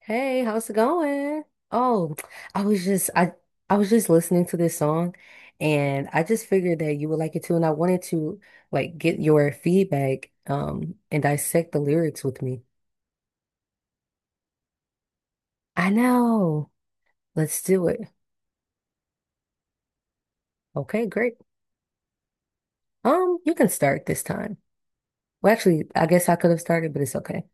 Hey, how's it going? Oh, I was just I I was just listening to this song, and I just figured that you would like it too, and I wanted to get your feedback and dissect the lyrics with me. I know. Let's do it. Okay, great. You can start this time. Well, actually, I guess I could have started, but it's okay.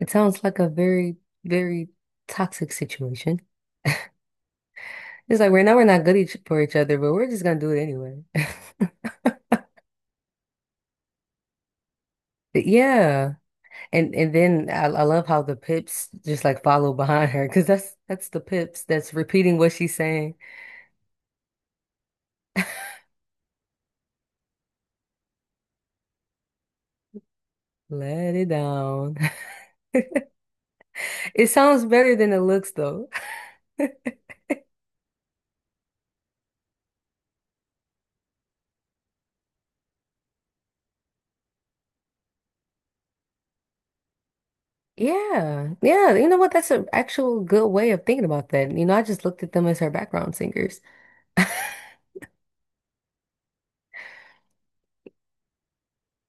It sounds like a very, very toxic situation. It's like right now we're not good each for each other, but we're just gonna do it anyway. Yeah. And then I love how the pips just like follow behind her, because that's the pips that's repeating what she's saying. Let it down. It sounds better than it looks though. Yeah, yeah. You know what? That's an actual good way of thinking about that. You know, I just looked at them as her background singers.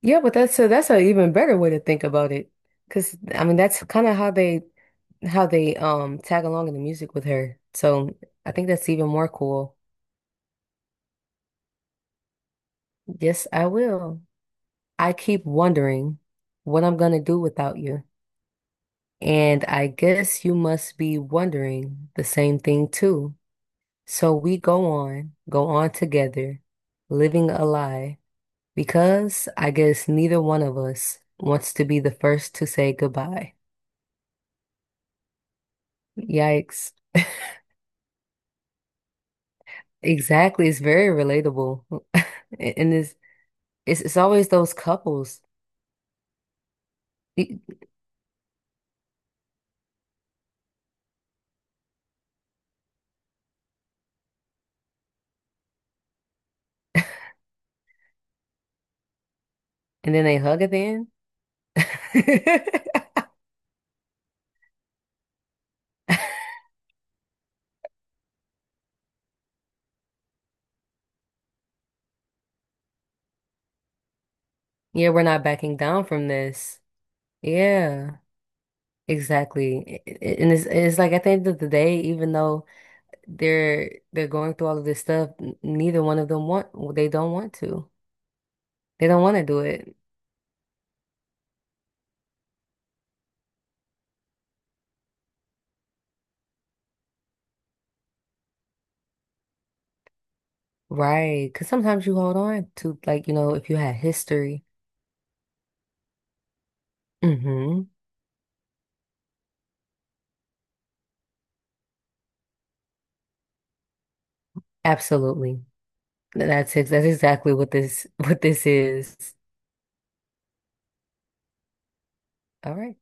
Yeah, but that's an even better way to think about it. Because I mean, that's kind of how they tag along in the music with her. So I think that's even more cool. Yes, I will. I keep wondering what I'm gonna do without you. And I guess you must be wondering the same thing too. So we go on, go on together, living a lie, because I guess neither one of us wants to be the first to say goodbye. Yikes. Exactly. It's very relatable. And it's, it's always those couples. And then they hug at the end. Yeah, we're not backing down from this. Yeah. Exactly. I- And It's like at the end of the day, even though they're going through all of this stuff, neither one of them they don't want to. They don't want to do it. Right. Because sometimes you hold on to, like, you know, if you had history. Mm-hmm. Absolutely. That's exactly what this what this is. All right.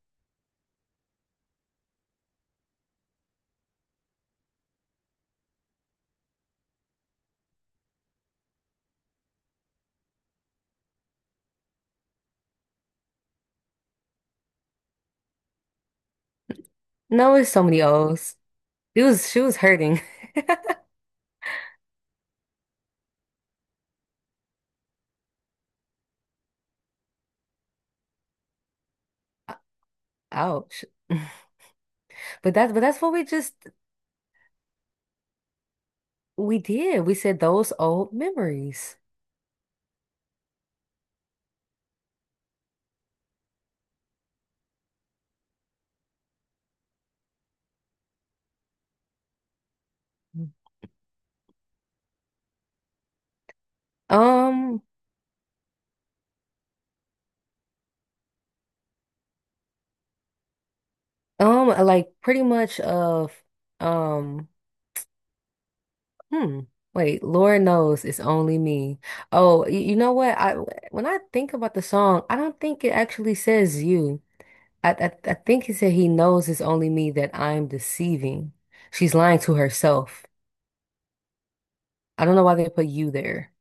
No, it's so many O's. It was she was hurting. Ouch. But that's but That's what we did. We said those old memories. Um, like pretty much of um hmm. Wait, Lord knows it's only me. Oh, you know what? I When I think about the song, I don't think it actually says you. I I think he said he knows it's only me that I'm deceiving. She's lying to herself. I don't know why they put you there.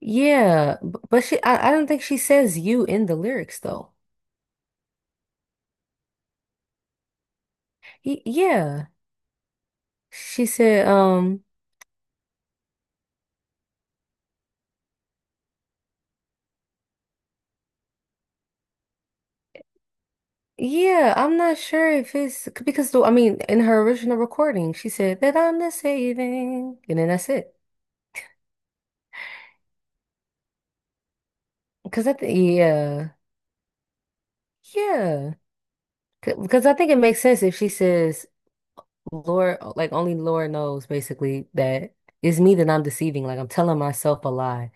Yeah, but she I don't think she says you in the lyrics though. He, yeah. She said Yeah, I'm not sure if it's because I mean, in her original recording, she said that I'm the saving, and then that's it. Because I think, yeah, yeah, because I think it makes sense if she says, "Lord, like only Lord knows," basically that it's me that I'm deceiving. Like I'm telling myself a lie.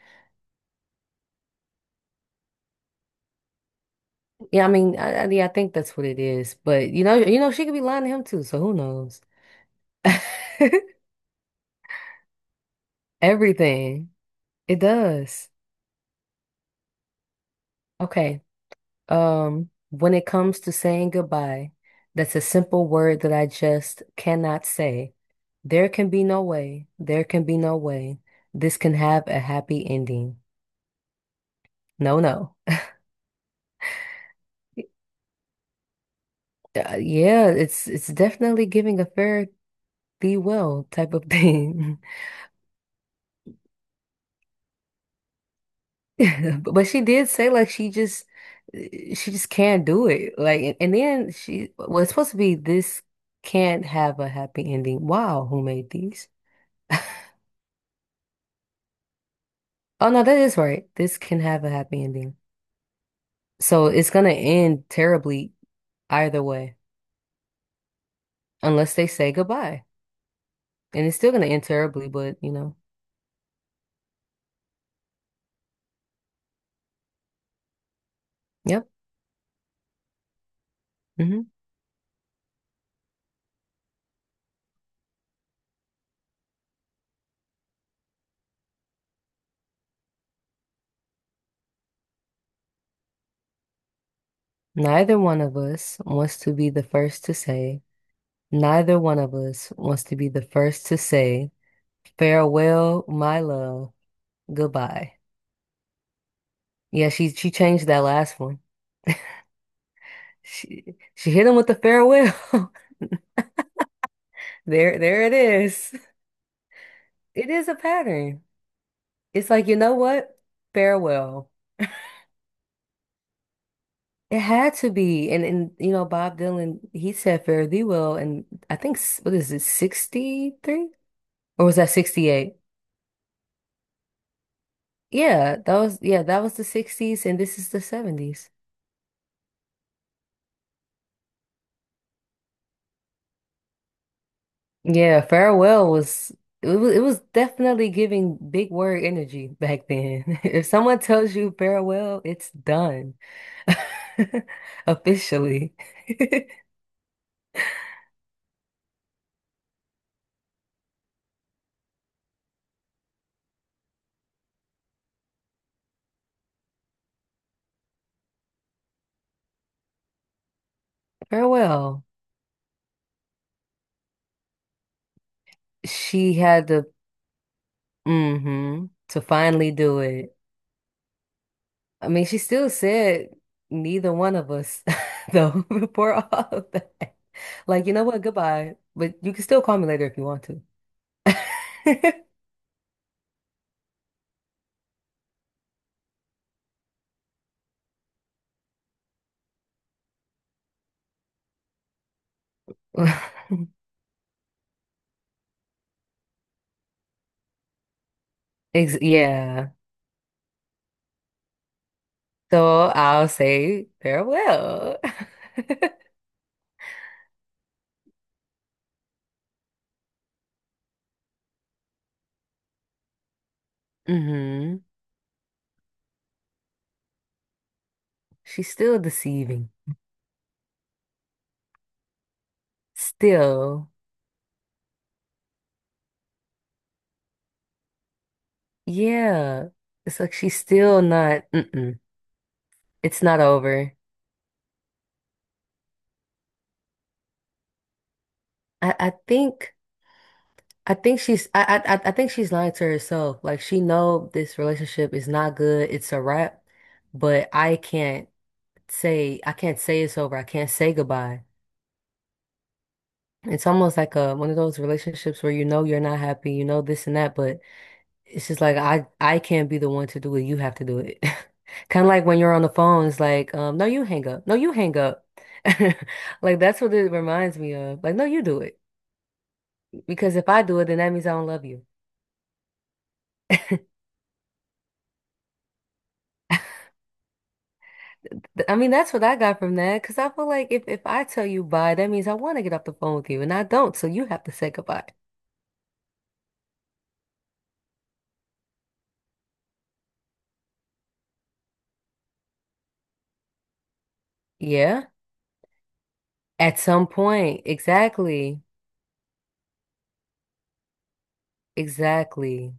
Yeah, I mean, yeah, I think that's what it is. But you know, she could be lying to him too. So who knows? Everything it does. Okay. When it comes to saying goodbye, that's a simple word that I just cannot say. There can be no way. There can be no way. This can have a happy ending. No, no. Yeah, it's definitely giving a fair thee well type of thing. But she did say like she just can't do it. Like, and then she well, it's supposed to be this can't have a happy ending. Wow, who made these? Oh no, that is right. This can have a happy ending. So it's gonna end terribly either way, unless they say goodbye. And it's still gonna end terribly, but you know, yep. Hmm. Neither one of us wants to be the first to say, neither one of us wants to be the first to say, farewell, my love, goodbye. Yeah, she changed that last one. She hit him with the farewell. There it is. It is a pattern. It's like, you know what? Farewell. It had to be. And you know, Bob Dylan, he said Fare Thee Well and I think what is it, 63? Or was that 68? Yeah, that was the 60s and this is the 70s. Yeah, Farewell was it was definitely giving big word energy back then. If someone tells you farewell, it's done. Officially. Farewell. She had the mm-hmm to finally do it. I mean, she still said neither one of us, though, before all of that. Like, you know what? Goodbye. But you can still call me later if you want to. Ex Yeah. So I'll say farewell. hmm She's still deceiving. Still. Yeah. It's like she's still not, mm-mm. It's not over. I think. I think she's lying to herself. Like she know this relationship is not good, it's a wrap, but I can't say it's over. I can't say goodbye. It's almost like a one of those relationships where you know you're not happy, you know this and that, but it's just like I can't be the one to do it. You have to do it. Kind of like when you're on the phone, it's like, no, you hang up. No, you hang up. Like that's what it reminds me of. Like, no, you do it. Because if I do it, then that means I don't love you. I mean, that's what I got from that. Because I feel like if I tell you bye, that means I want to get off the phone with you, and I don't. So you have to say goodbye. Yeah. At some point. Exactly. Exactly.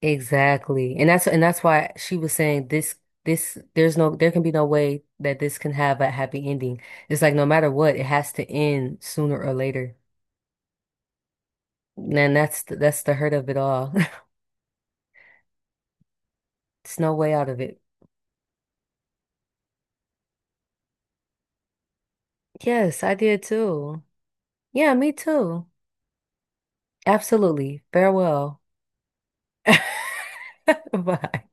Exactly. And that's why she was saying this there can be no way that this can have a happy ending. It's like no matter what, it has to end sooner or later. And that's the hurt of it all. There's no way out of it. Yes, I did too. Yeah, me too. Absolutely. Farewell. Bye.